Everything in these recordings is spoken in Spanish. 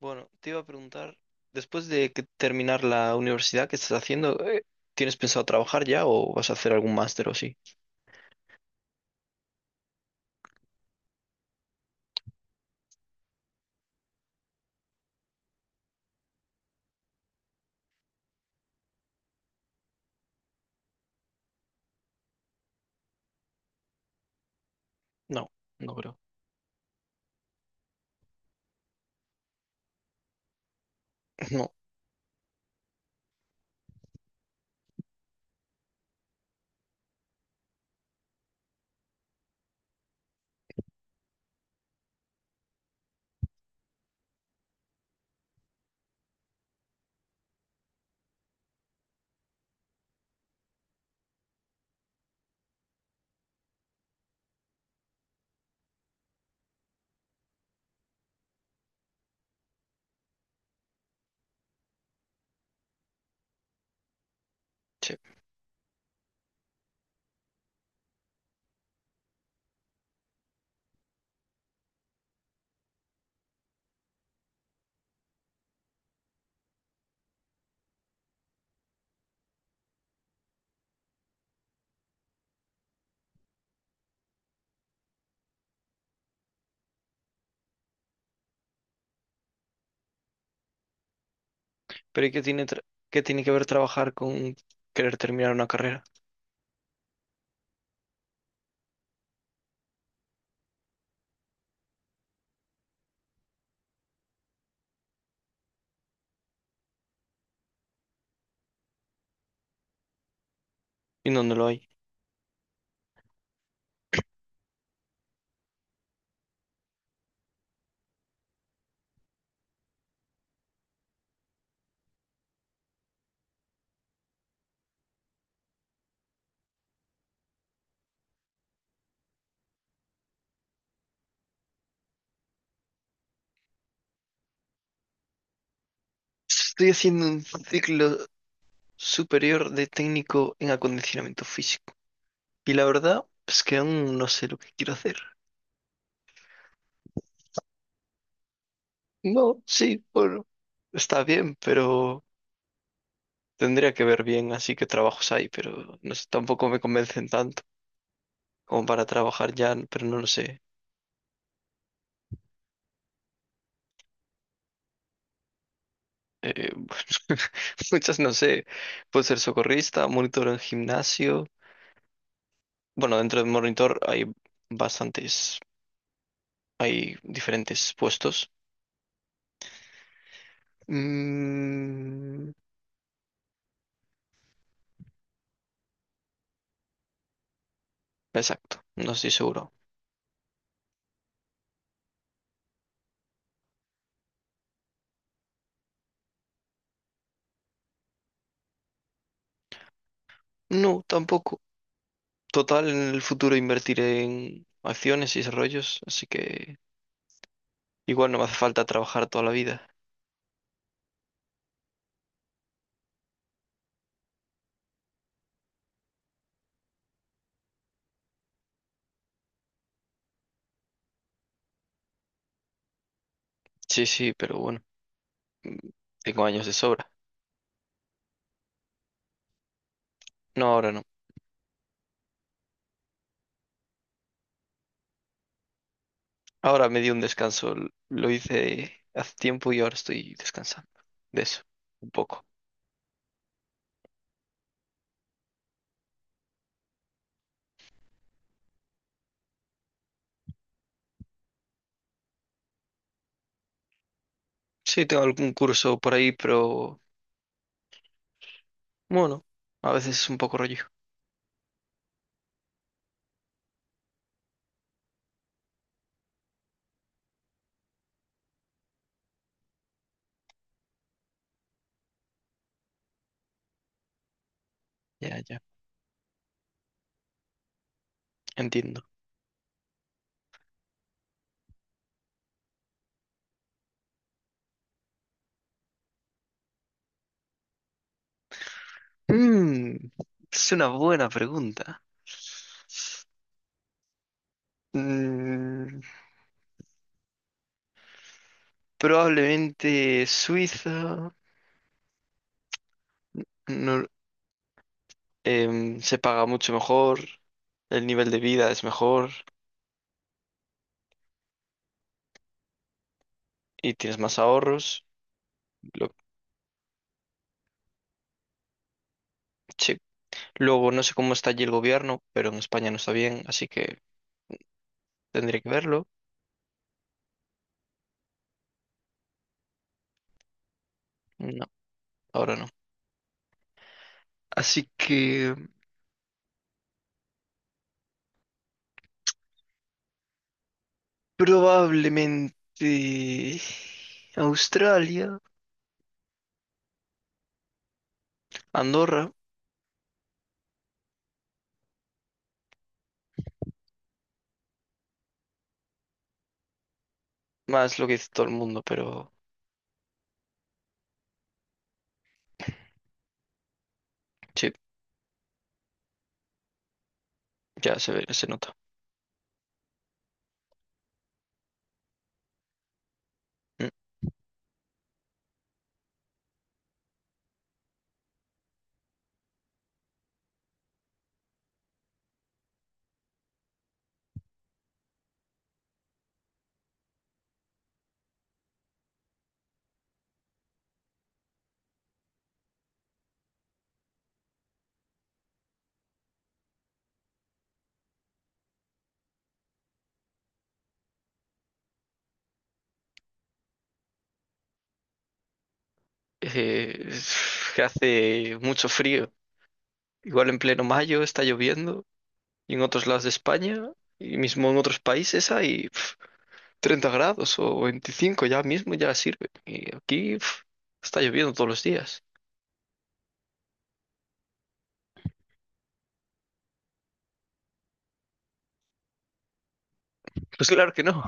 Bueno, te iba a preguntar, después de que terminar la universidad ¿qué estás haciendo? ¿Tienes pensado trabajar ya o vas a hacer algún máster o sí? No, no creo. No, sí. Pero ¿y qué tiene que ver trabajar con querer terminar una carrera? ¿Y dónde lo hay? Estoy haciendo un ciclo superior de técnico en acondicionamiento físico. Y la verdad es que aún no sé lo que quiero hacer. No, sí, bueno, está bien, pero. Tendría que ver bien así que trabajos hay, pero no sé, tampoco me convencen tanto como para trabajar ya, pero no lo sé. Eh, Muchas no sé. Puede ser socorrista, monitor en gimnasio. Bueno, dentro de monitor hay bastantes, hay diferentes puestos. Mm, exacto, no estoy seguro. No, tampoco. Total, en el futuro invertiré en acciones y desarrollos, así que igual no me hace falta trabajar toda la vida. Sí, sí, pero bueno. Tengo años de sobra. No, ahora no. Ahora me di un descanso. Lo hice hace tiempo y ahora estoy descansando de eso, un poco. Sí, tengo algún curso por ahí, pero bueno, a veces es un poco rollo. Ya, ya, entiendo. Mm, es una buena pregunta. Mm, Probablemente Suiza. no- Se paga mucho mejor, el nivel de vida es mejor y tienes más ahorros. Lo, sí, luego no sé cómo está allí el gobierno, pero en España no está bien, así que tendría que verlo. No, ahora no. Así que probablemente Australia, Andorra, más lo que dice todo el mundo, pero sí, ya se ve, se nota. Mm. Eh, que hace mucho frío. Igual en pleno mayo está lloviendo y en otros lados de España y mismo en otros países hay. 30 grados o 25 ya mismo ya sirve. Y aquí uf, está lloviendo todos los días. Pues claro que no.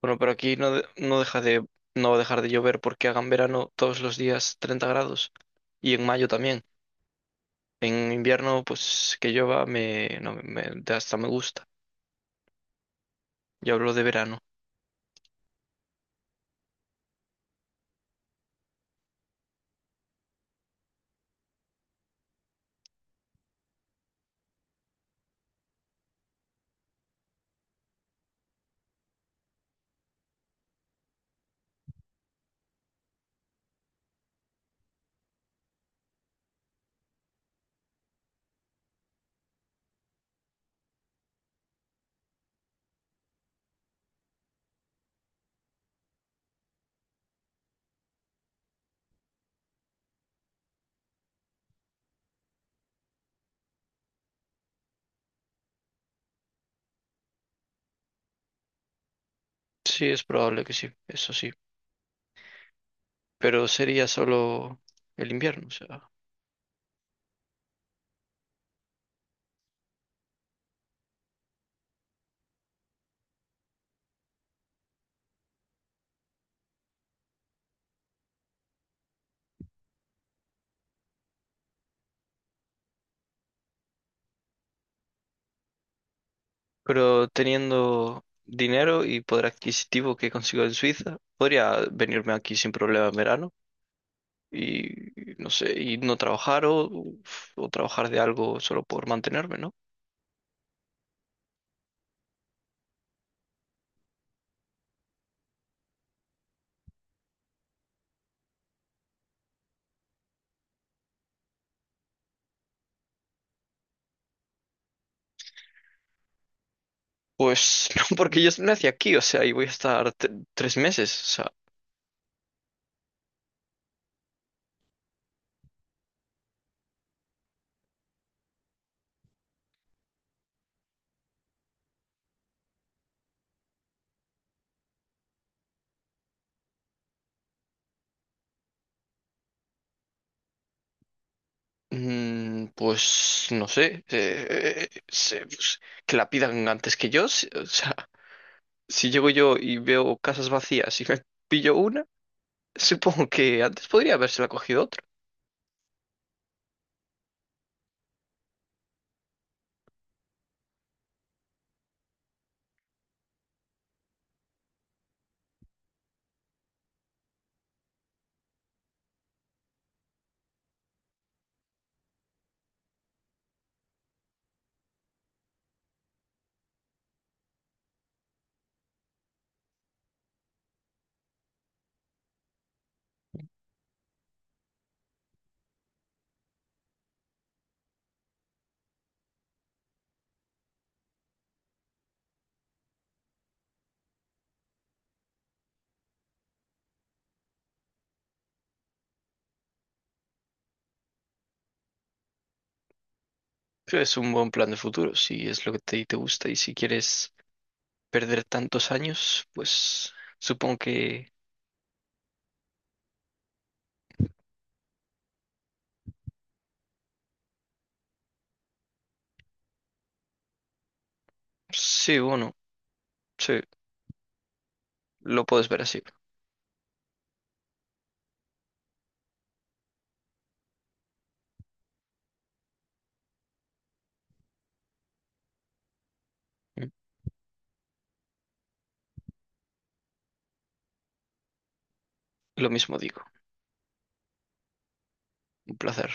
Bueno, pero aquí no, no deja de, no va a dejar de llover porque hagan verano todos los días 30 grados y en mayo también. En invierno, pues que llueva me, no, me, hasta me gusta. Yo hablo de verano. Sí, es probable que sí, eso sí. Pero sería solo el invierno, o sea. Pero teniendo dinero y poder adquisitivo que consigo en Suiza, podría venirme aquí sin problema en verano y no sé, y no trabajar o, trabajar de algo solo por mantenerme, ¿no? Pues no, porque yo nací aquí, o sea, y voy a estar 3 meses, o sea. Pues no sé, pues, que la pidan antes que yo, o sea, si llego yo y veo casas vacías y me pillo una, supongo que antes podría habérsela cogido otro. Creo que es un buen plan de futuro, si es lo que te gusta y si quieres perder tantos años, pues supongo que. Sí, bueno, sí, lo puedes ver así. Lo mismo digo. Un placer.